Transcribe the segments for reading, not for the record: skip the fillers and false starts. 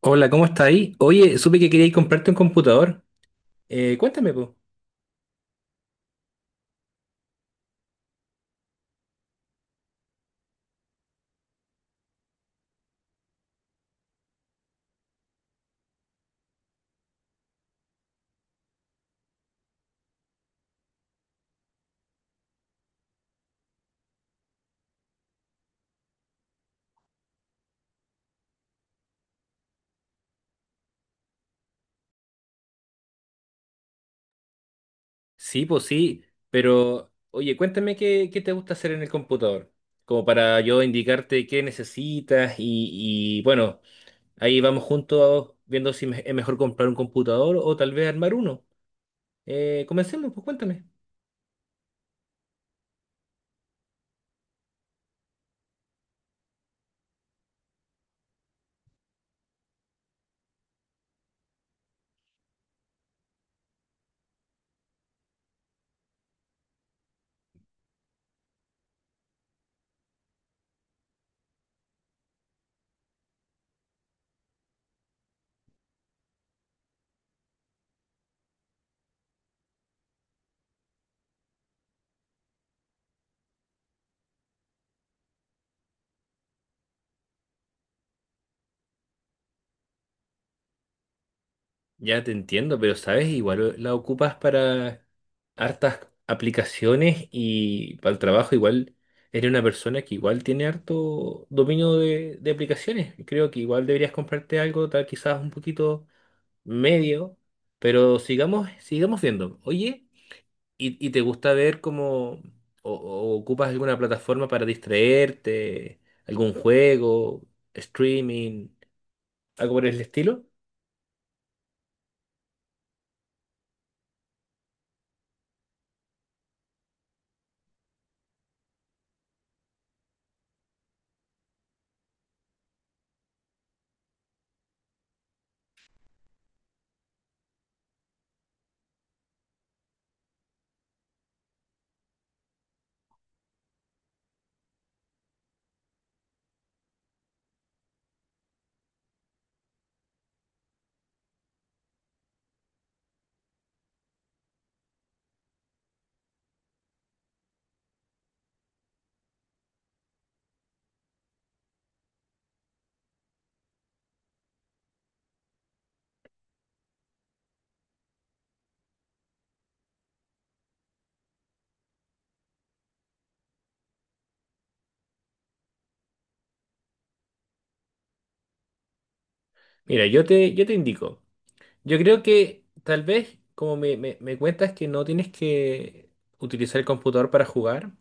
Hola, ¿cómo está ahí? Oye, supe que queríais comprarte un computador. Cuéntame, pues. Sí, pues sí, pero oye, cuéntame qué, qué te gusta hacer en el computador, como para yo indicarte qué necesitas y, bueno, ahí vamos juntos viendo si me- es mejor comprar un computador o tal vez armar uno. Comencemos, pues cuéntame. Ya te entiendo, pero sabes, igual la ocupas para hartas aplicaciones y para el trabajo igual eres una persona que igual tiene harto dominio de aplicaciones. Creo que igual deberías comprarte algo, tal quizás un poquito medio, pero sigamos, sigamos viendo. Oye, ¿Y te gusta ver como o ocupas alguna plataforma para distraerte, algún juego, streaming, algo por el estilo? Mira, yo te indico. Yo creo que tal vez, como me cuentas que no tienes que utilizar el computador para jugar,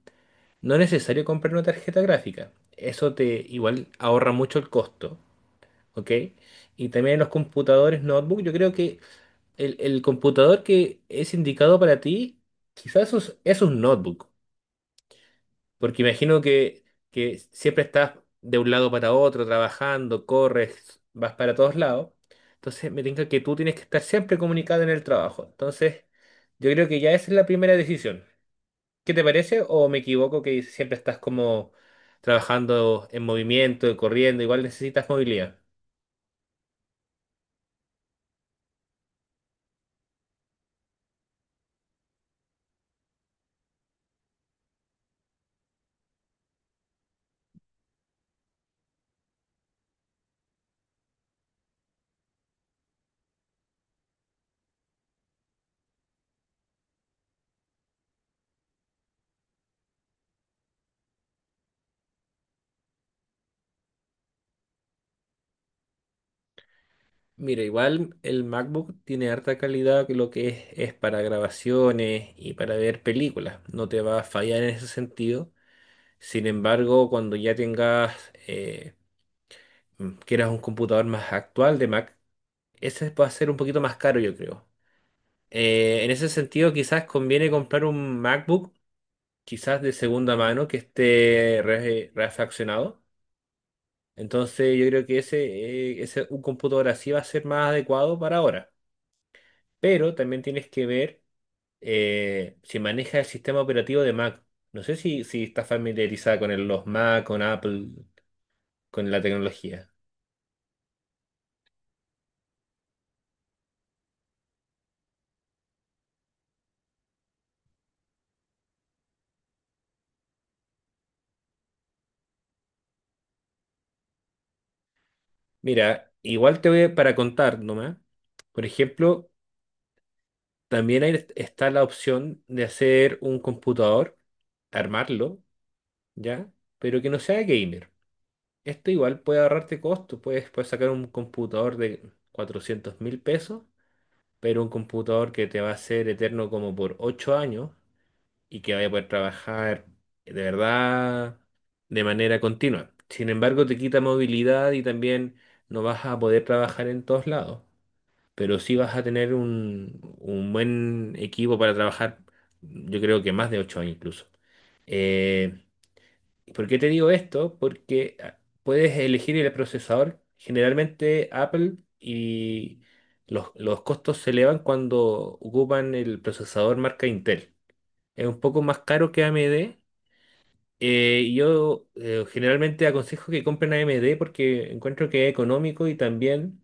no es necesario comprar una tarjeta gráfica. Eso te igual ahorra mucho el costo, ¿ok? Y también en los computadores notebook, yo creo que el computador que es indicado para ti, es un notebook. Porque imagino que siempre estás de un lado para otro, trabajando, corres, vas para todos lados. Entonces me tinca que tú tienes que estar siempre comunicado en el trabajo. Entonces, yo creo que ya esa es la primera decisión. ¿Qué te parece? ¿O me equivoco que siempre estás como trabajando en movimiento, corriendo? Igual necesitas movilidad. Mira, igual el MacBook tiene harta calidad que lo que es para grabaciones y para ver películas. No te va a fallar en ese sentido. Sin embargo, cuando ya tengas, quieras un computador más actual de Mac, ese va a ser un poquito más caro, yo creo. En ese sentido, quizás conviene comprar un MacBook, quizás de segunda mano, que esté refaccionado. Entonces, yo creo que ese un computador así va a ser más adecuado para ahora. Pero también tienes que ver si maneja el sistema operativo de Mac. No sé si estás familiarizada con los Mac, con Apple, con la tecnología. Mira, igual para contar nomás. Por ejemplo, también ahí está la opción de hacer un computador, armarlo, ¿ya? Pero que no sea gamer. Esto igual puede ahorrarte costos. Puedes sacar un computador de 400.000 pesos, pero un computador que te va a ser eterno como por 8 años y que vaya a poder trabajar de verdad de manera continua. Sin embargo, te quita movilidad y también no vas a poder trabajar en todos lados. Pero sí vas a tener un buen equipo para trabajar, yo creo que más de 8 años incluso. Eh, ¿Por qué te digo esto? Porque puedes elegir el procesador. Generalmente Apple y los costos se elevan cuando ocupan el procesador marca Intel. Es un poco más caro que AMD, yo generalmente aconsejo que compren AMD porque encuentro que es económico y también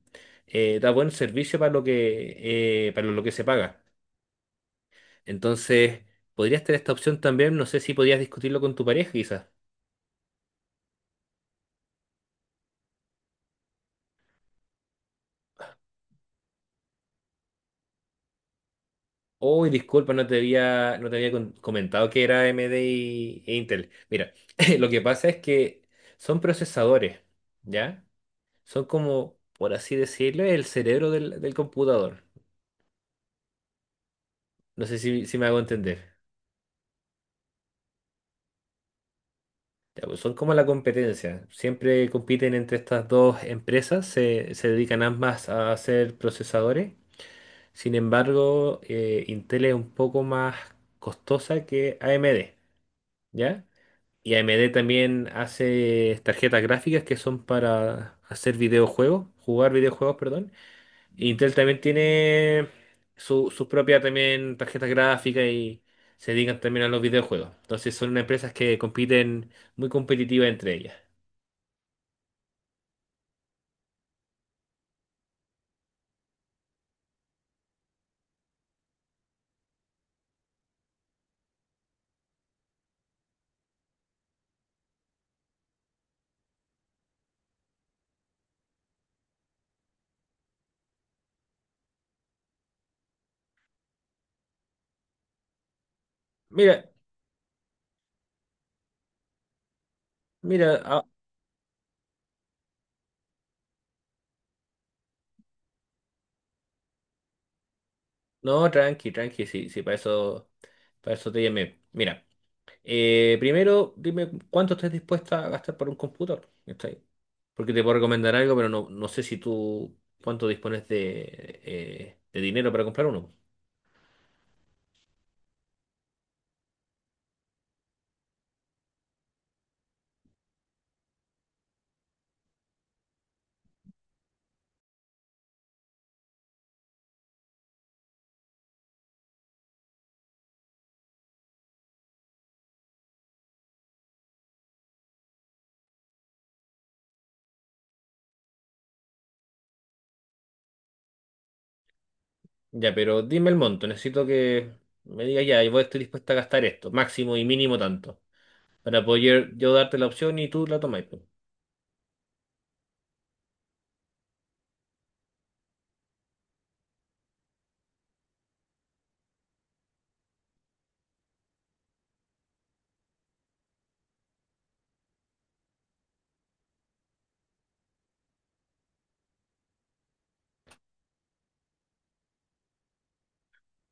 da buen servicio para lo que se paga. Entonces, podrías tener esta opción también. No sé si podías discutirlo con tu pareja, quizás. Uy, disculpa, no te había comentado que era AMD e Intel. Mira, lo que pasa es que son procesadores, ¿ya? Son como, por así decirlo, el cerebro del computador. No sé si me hago entender. Ya, pues son como la competencia. Siempre compiten entre estas dos empresas, se dedican ambas a hacer procesadores. Sin embargo, Intel es un poco más costosa que AMD, ¿ya? Y AMD también hace tarjetas gráficas que son para hacer videojuegos, jugar videojuegos, perdón. Intel también tiene su propia también tarjeta gráfica y se dedican también a los videojuegos. Entonces son unas empresas que compiten muy competitivas entre ellas. Mira, mira, no, tranqui, tranqui, sí, sí, para eso te llamé. Mira, primero dime cuánto estás dispuesta a gastar por un computador, ¿cachai? Porque te puedo recomendar algo, pero no sé si tú cuánto dispones de dinero para comprar uno. Ya, pero dime el monto, necesito que me digas ya, yo estoy dispuesta a gastar esto, máximo y mínimo tanto, para poder yo darte la opción y tú la tomáis, pues.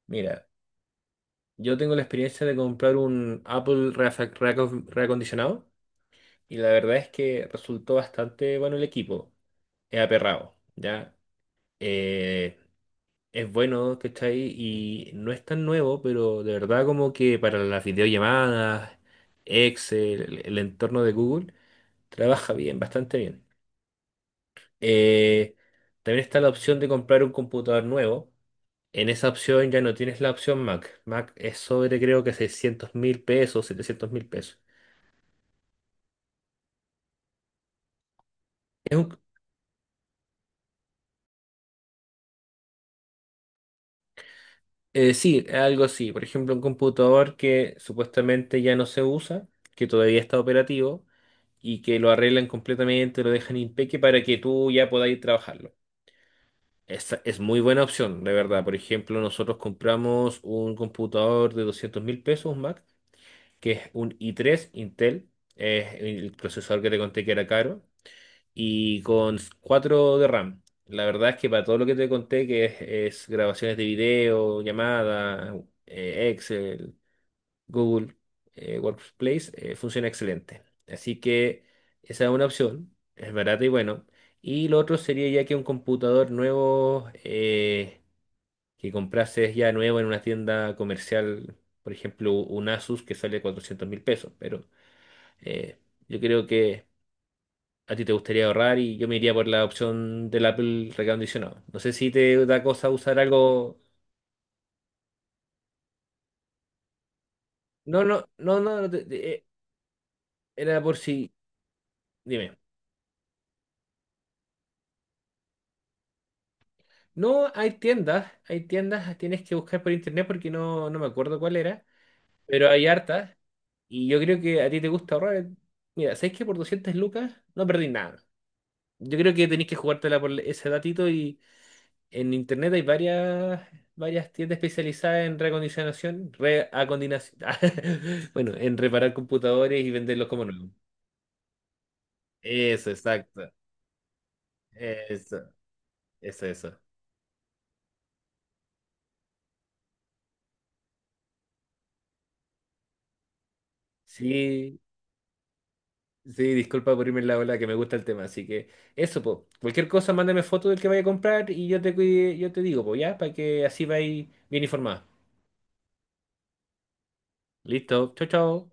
Mira, yo tengo la experiencia de comprar un Apple reacondicionado. Y la verdad es que resultó bastante bueno el equipo. Es aperrado, ¿ya? Eh, es bueno, ¿cachai? Y no es tan nuevo, pero de verdad como que para las videollamadas, Excel, el entorno de Google, trabaja bien, bastante bien. Eh, También está la opción de comprar un computador nuevo. En esa opción ya no tienes la opción Mac. Mac es sobre creo que 600 mil pesos, 700.000 pesos. Sí, algo así. Por ejemplo, un computador que supuestamente ya no se usa, que todavía está operativo y que lo arreglan completamente, lo dejan impeque para que tú ya podáis trabajarlo. Esa es muy buena opción, de verdad. Por ejemplo, nosotros compramos un computador de 200.000 pesos, un Mac, que es un i3 Intel, es el procesador que te conté que era caro y con 4 de RAM. La verdad es que para todo lo que te conté, que es grabaciones de video, llamadas, Excel, Google, Workplace, funciona excelente. Así que esa es una opción, es barata y bueno. Y lo otro sería ya que un computador nuevo que comprases ya nuevo en una tienda comercial, por ejemplo, un Asus que sale 400.000 pesos, pero eh, yo creo que a ti te gustaría ahorrar y yo me iría por la opción del Apple recondicionado. No sé si te da cosa usar algo. No, no, no, no, no, era por si. Dime. No, hay tiendas, tienes que buscar por internet porque no me acuerdo cuál era, pero hay hartas y yo creo que a ti te gusta ahorrar. Mira, ¿sabes que por 200 lucas no perdí nada? Yo creo que tenés que jugártela por ese datito y en internet hay varias tiendas especializadas en reacondinación, bueno, en reparar computadores y venderlos como nuevos. Eso, exacto. Eso, eso, eso. Sí, sí, disculpa por irme en la ola que me gusta el tema, así que eso, po. Cualquier cosa, mándame foto del que vaya a comprar y yo te digo, pues ya, para que así vayas bien informada. Listo, chao, chao.